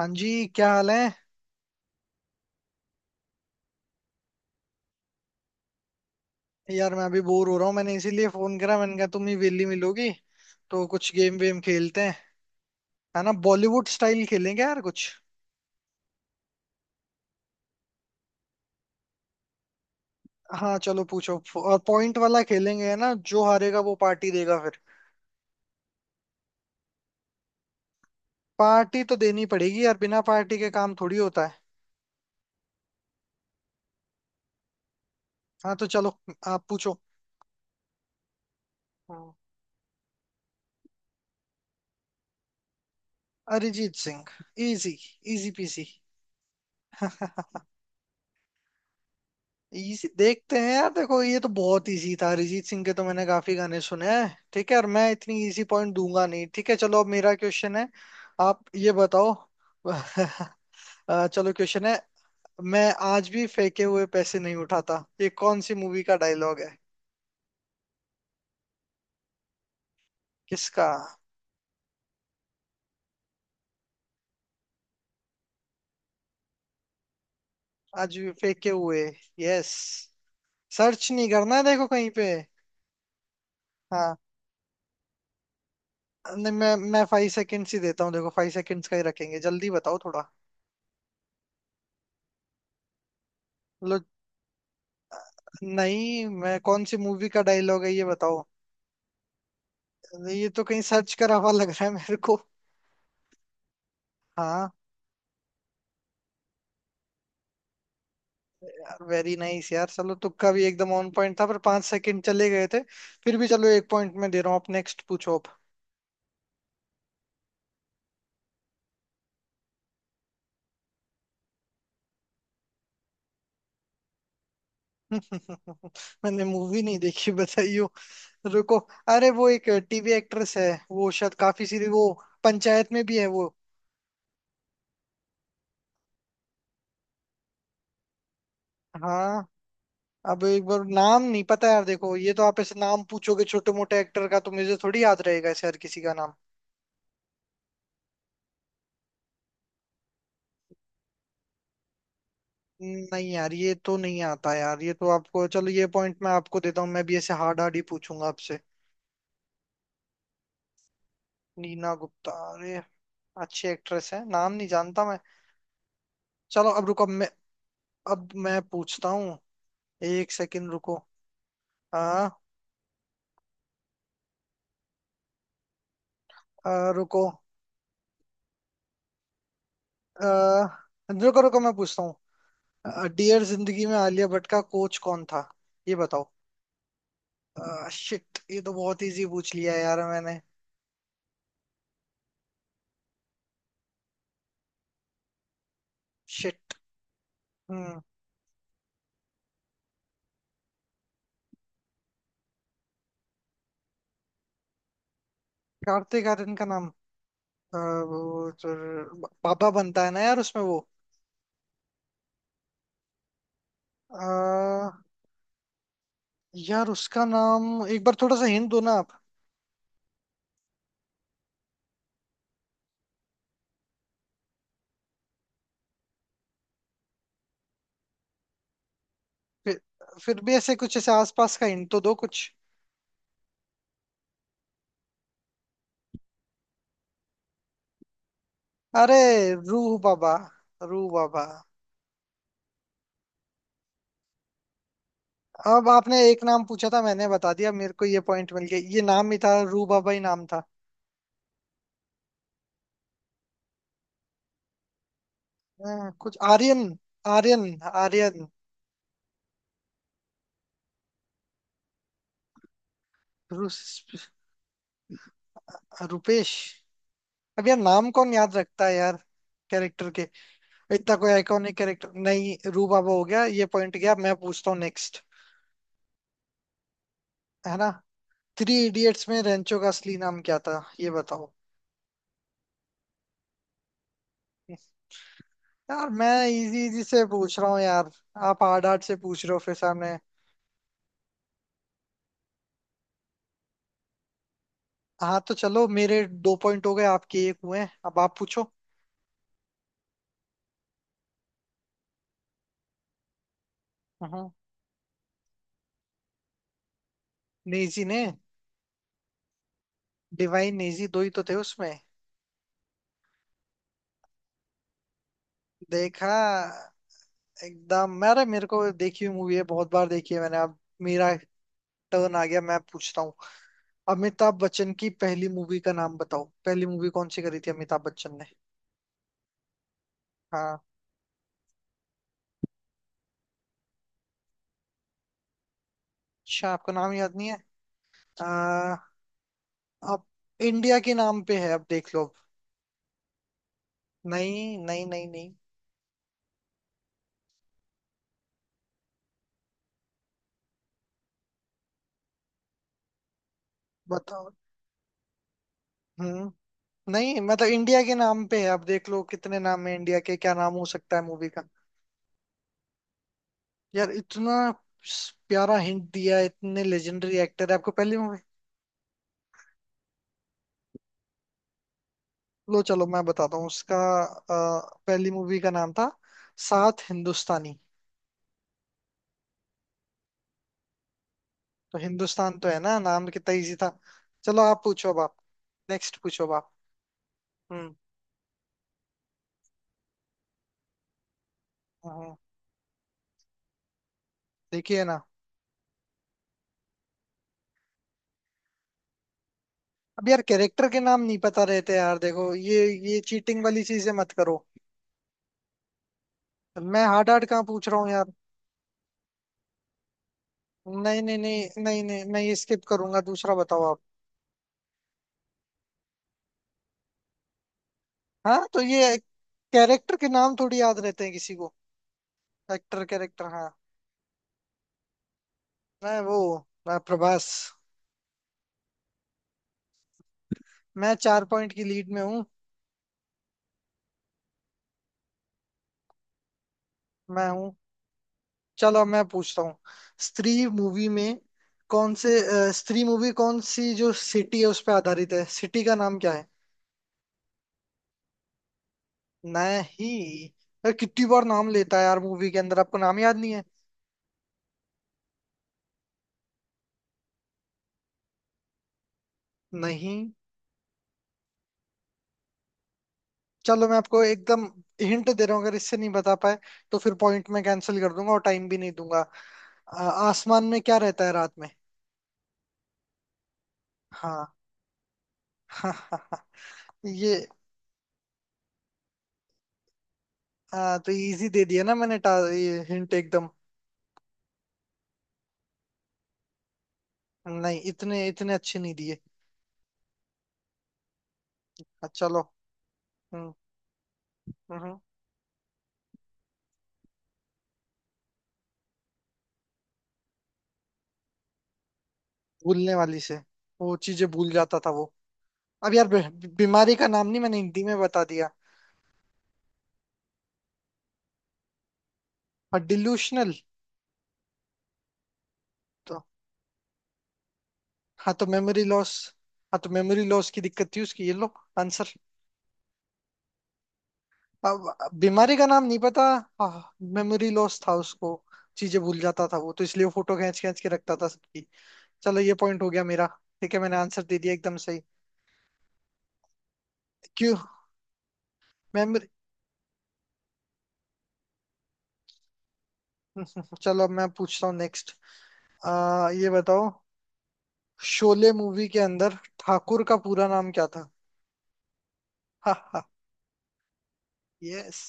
हाँ जी, क्या हाल है। यार, मैं अभी बोर हो रहा हूँ, मैंने इसीलिए फोन करा। मैंने कहा तुम ही वेली मिलोगी तो कुछ गेम वेम खेलते हैं। है ना, बॉलीवुड स्टाइल खेलेंगे यार कुछ। हाँ, चलो पूछो। और पॉइंट वाला खेलेंगे, है ना, जो हारेगा वो पार्टी देगा फिर। पार्टी तो देनी पड़ेगी यार, बिना पार्टी के काम थोड़ी होता है। हाँ तो चलो, आप पूछो। हाँ। Arijit Singh. Easy. Easy PC. इसी देखते हैं यार। देखो, ये तो बहुत इजी था। अरिजीत सिंह के तो मैंने काफी गाने सुने हैं, ठीक है। और मैं इतनी इजी पॉइंट दूंगा नहीं, ठीक है। चलो, अब मेरा क्वेश्चन है। आप ये बताओ। चलो, क्वेश्चन है। मैं आज भी फेंके हुए पैसे नहीं उठाता, ये कौन सी मूवी का डायलॉग है। किसका? आज भी फेंके हुए। यस। सर्च नहीं करना है, देखो कहीं पे। हाँ। नहीं, मैं 5 सेकेंड्स ही देता हूँ। देखो, 5 सेकेंड्स का ही रखेंगे, जल्दी बताओ थोड़ा। लो। नहीं, मैं कौन सी मूवी का डायलॉग है ये बताओ। ये तो कहीं सर्च करा हुआ लग रहा है मेरे को। हाँ। यार वेरी नाइस यार, चलो तुक्का भी एकदम ऑन पॉइंट था, पर 5 सेकंड चले गए थे। फिर भी चलो, एक पॉइंट मैं दे रहा हूँ। आप नेक्स्ट पूछो आप। मैंने मूवी नहीं देखी, बताइयो। रुको। अरे, वो एक टीवी एक्ट्रेस है वो, शायद काफी सीरी वो। पंचायत में भी है वो। हाँ। अब एक बार नाम नहीं पता यार। देखो, ये तो आप ऐसे नाम पूछोगे छोटे मोटे एक्टर का, तो मुझे थोड़ी याद रहेगा ऐसे हर किसी का नाम। नहीं यार, ये तो नहीं आता यार। ये तो आपको, चलो ये पॉइंट मैं आपको देता हूँ। मैं भी ऐसे हार्ड हार्ड ही पूछूंगा आपसे। नीना गुप्ता, अरे। अच्छी एक्ट्रेस है, नाम नहीं जानता मैं। चलो अब रुको, अब मैं। अब मैं पूछता हूँ। एक सेकंड रुको। आ, आ, रुको। रुको रुको, मैं पूछता हूँ डियर जिंदगी में आलिया भट्ट का कोच कौन था, ये बताओ। शिट, ये तो बहुत इजी पूछ लिया यार मैंने। शिट। हम्म। कार्तिक आर्यन का नाम। वो तो पापा बनता है ना यार उसमें वो। अ, यार, उसका नाम। एक बार थोड़ा सा हिंट दो ना आप। फिर। फिर भी ऐसे कुछ ऐसे आसपास का हिंट तो दो कुछ। अरे। रूह बाबा। रूह बाबा। अब आपने एक नाम पूछा था, मैंने बता दिया। मेरे को ये पॉइंट मिल गया, ये नाम ही था, रूह बाबा ही नाम था। कुछ आर्यन। आर्यन। आर्यन। रुस- रुपेश। अब यार, नाम कौन याद रखता है यार। कैरेक्टर। इतना कोई आइकॉनिक कैरेक्टर नहीं, रूबाबा हो गया। ये पॉइंट गया, मैं पूछता हूँ नेक्स्ट। है ना? थ्री इडियट्स में रेंचो का असली नाम क्या था, ये बताओ। यार, मैं इजी इजी से पूछ रहा हूँ यार। आप हार्ड हार्ड से पूछ रहे हो फिर सामने। हाँ तो चलो, मेरे दो पॉइंट हो गए, आपके एक हुए हैं। अब आप पूछो। हाँ। नेजी ने। डिवाइन नेजी, दो ही तो थे उसमें। देखा। एकदम, मेरे मेरे को देखी हुई मूवी है, बहुत बार देखी है मैंने। अब मेरा टर्न आ गया, मैं पूछता हूँ। अमिताभ बच्चन की पहली मूवी का नाम बताओ, पहली मूवी कौन सी करी थी अमिताभ बच्चन ने। हाँ। अच्छा, आपको नाम याद नहीं है। आ, अब इंडिया के नाम पे है, अब देख लो। नहीं नहीं नहीं नहीं। बताओ। हम्म। नहीं मतलब इंडिया के नाम पे है, अब देख लो कितने नाम है इंडिया के, क्या नाम हो सकता है मूवी का। यार, इतना प्यारा हिंट दिया, इतने लेजेंडरी एक्टर है, आपको पहली मूवी। लो चलो, मैं बताता हूँ उसका। पहली मूवी का नाम था। सात हिंदुस्तानी। तो हिंदुस्तान तो है ना नाम, कितना इजी था। चलो, आप पूछो अब आप। नेक्स्ट पूछो अब आप। हम्म। हाँ, देखिए ना। अब यार, कैरेक्टर के नाम नहीं पता रहते यार, देखो ये। ये चीटिंग वाली चीजें मत करो। मैं हार्ड हार्ड कहाँ पूछ रहा हूँ यार। नहीं नहीं नहीं नहीं नहीं, मैं ये स्किप करूंगा, दूसरा बताओ आप। हाँ तो ये। कैरेक्टर के नाम थोड़ी याद रहते हैं किसी को। एक्टर, कैरेक्टर, हाँ। मैं वो। मैं प्रभास। मैं 4 पॉइंट की लीड में हूँ। मैं हूँ। चलो, मैं पूछता हूँ। स्त्री मूवी में। कौन से। स्त्री मूवी कौन सी जो सिटी है उस पर आधारित है, सिटी का नाम क्या है। नहीं। अरे, कितनी बार नाम लेता है यार मूवी के अंदर, आपको नाम याद नहीं है। नहीं। चलो, मैं आपको एकदम हिंट दे रहा हूँ। अगर इससे नहीं बता पाए, तो फिर पॉइंट में कैंसिल कर दूंगा और टाइम भी नहीं दूंगा। आसमान में क्या रहता है रात में। हाँ। हाँ। ये, हाँ, ये। तो इजी दे दिया ना मैंने ये हिंट एकदम। नहीं, इतने इतने अच्छे नहीं दिए। हाँ, चलो। हम्म। हम्म। भूलने वाली से। वो चीजें भूल जाता था वो। अब यार, बीमारी का नाम नहीं, मैंने हिंदी में बता दिया। और डिल्यूशनल। तो। हाँ तो मेमोरी लॉस। हाँ तो मेमोरी लॉस की दिक्कत थी उसकी, ये लो। आंसर। अब बीमारी का नाम नहीं पता। हाँ, मेमोरी लॉस था उसको। चीजें भूल जाता था वो, तो इसलिए वो फोटो खींच खींच के रखता था सबकी। चलो, ये पॉइंट हो गया मेरा। ठीक है, मैंने आंसर दे दिया एकदम सही। क्यों? मेमोरी। चलो, अब मैं पूछता हूँ नेक्स्ट। आ ये बताओ। शोले मूवी के अंदर ठाकुर का पूरा नाम क्या था। हा हा। यस।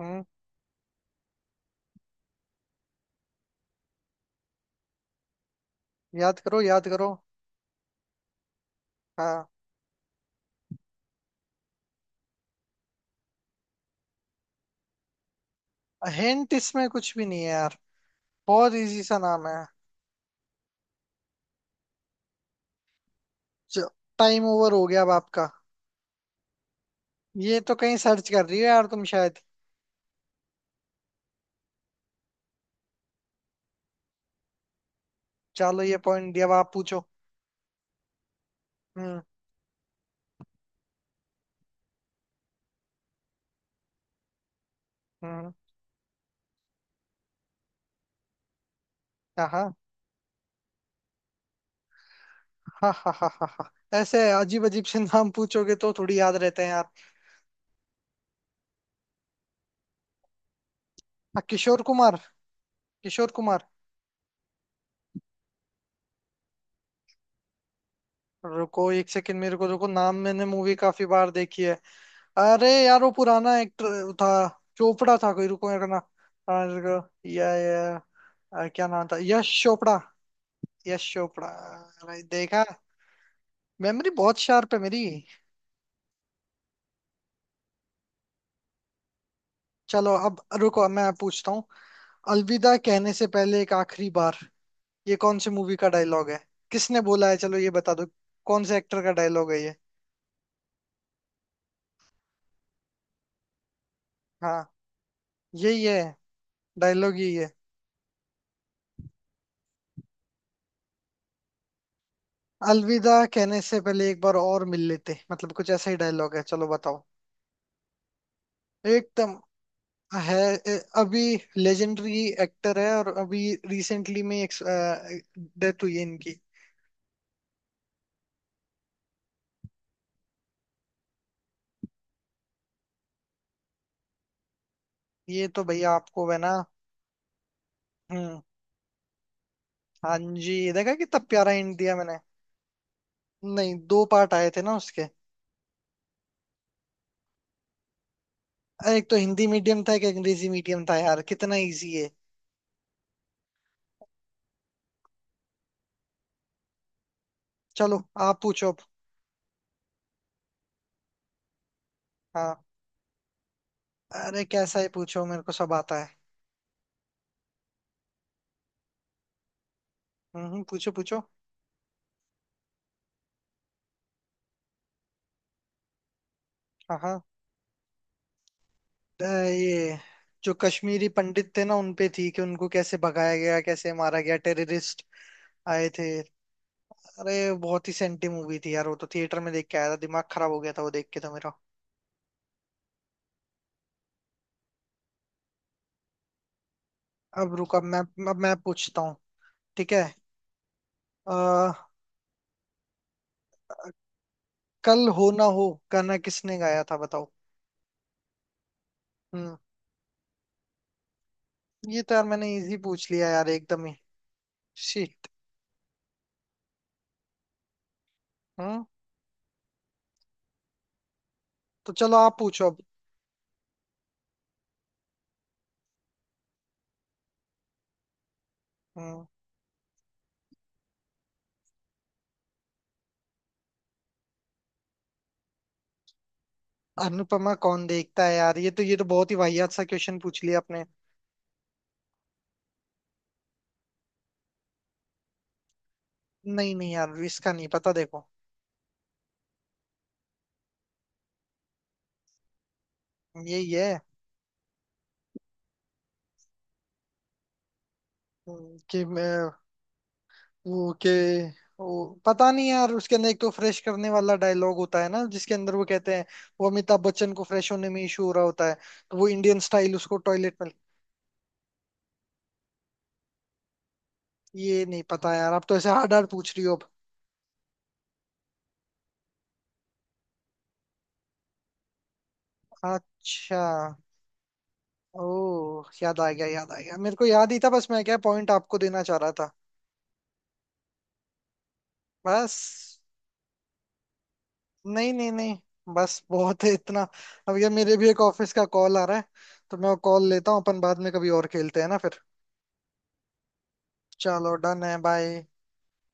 हम्म। याद करो याद करो। हाँ। हिंट इसमें कुछ भी नहीं है यार। बहुत इजी सा नाम है। टाइम ओवर हो गया अब आपका। ये तो कहीं सर्च कर रही हो यार तुम शायद। चलो, ये पॉइंट दिया, अब आप पूछो। हम्म। हम्म। हाँ हाँ हाँ हाँ। हाँ हाँ। ऐसे अजीब अजीब से नाम पूछोगे तो थोड़ी याद रहते हैं यार। हाँ, किशोर कुमार। किशोर कुमार। रुको एक सेकंड, मेरे को रुको नाम, मैंने मूवी काफी बार देखी है। अरे यार, वो पुराना एक्टर था। चोपड़ा था कोई, रुको मेरे को ना। हाँ, रुको, या या। क्या नाम था, यश चोपड़ा। यश चोपड़ा, अरे, देखा। मेमोरी बहुत शार्प है मेरी। चलो, अब रुको, मैं पूछता हूँ। अलविदा कहने से पहले एक आखिरी बार। ये कौन सी मूवी का डायलॉग है। किसने बोला है, चलो ये बता दो। कौन से एक्टर का डायलॉग है ये। हाँ। यही है। डायलॉग यही है। अलविदा कहने से पहले एक बार और मिल लेते, मतलब कुछ ऐसा ही डायलॉग है, चलो बताओ। एकदम। है। अभी। लेजेंडरी एक्टर है, और अभी रिसेंटली में डेथ हुई है इनकी। ये तो भैया, आपको है ना। हम्म। हाँ जी, देखा कितना प्यारा हिंट दिया मैंने। नहीं, दो पार्ट आए थे ना उसके। एक तो हिंदी मीडियम था, एक अंग्रेजी मीडियम था यार, कितना इजी है। चलो, आप पूछो अब। हाँ। अरे, कैसा है पूछो, मेरे को सब आता है। हम्म, पूछो पूछो। हाँ हाँ। ये, जो कश्मीरी पंडित थे ना उनपे थी, कि उनको कैसे भगाया गया, कैसे मारा गया, टेररिस्ट आए थे। अरे, बहुत ही सेंटी मूवी थी यार, वो तो थिएटर में देख के आया था, दिमाग खराब हो गया था वो देख के तो मेरा। अब रुक, अब मैं। अब मैं पूछता हूँ। ठीक है। आ, कल हो ना हो गाना किसने गाया था बताओ। हम्म। ये तो यार मैंने इजी पूछ लिया यार एकदम ही। शिट। हम्म। तो चलो, आप पूछो अब। हम्म। अनुपमा कौन देखता है यार, ये तो बहुत ही वाहियात सा क्वेश्चन पूछ लिया आपने। नहीं नहीं यार, इसका नहीं पता देखो। यही है। कि मैं। ओके। पता नहीं यार, उसके अंदर एक तो फ्रेश करने वाला डायलॉग होता है ना जिसके अंदर वो कहते हैं। वो, अमिताभ बच्चन को फ्रेश होने में इशू हो रहा होता है। तो वो इंडियन स्टाइल उसको टॉयलेट में। ये नहीं पता यार, आप तो ऐसे हार्ड हार्ड पूछ रही हो अब। अच्छा। ओ, याद आ गया, याद आ गया, मेरे को याद ही था, बस मैं क्या पॉइंट आपको देना चाह रहा था। बस। नहीं नहीं नहीं। बस, बहुत है इतना। अब ये, मेरे भी एक ऑफिस का कॉल आ रहा है, तो मैं कॉल लेता हूँ। अपन बाद में कभी और खेलते हैं ना फिर। चलो, डन है, बाय।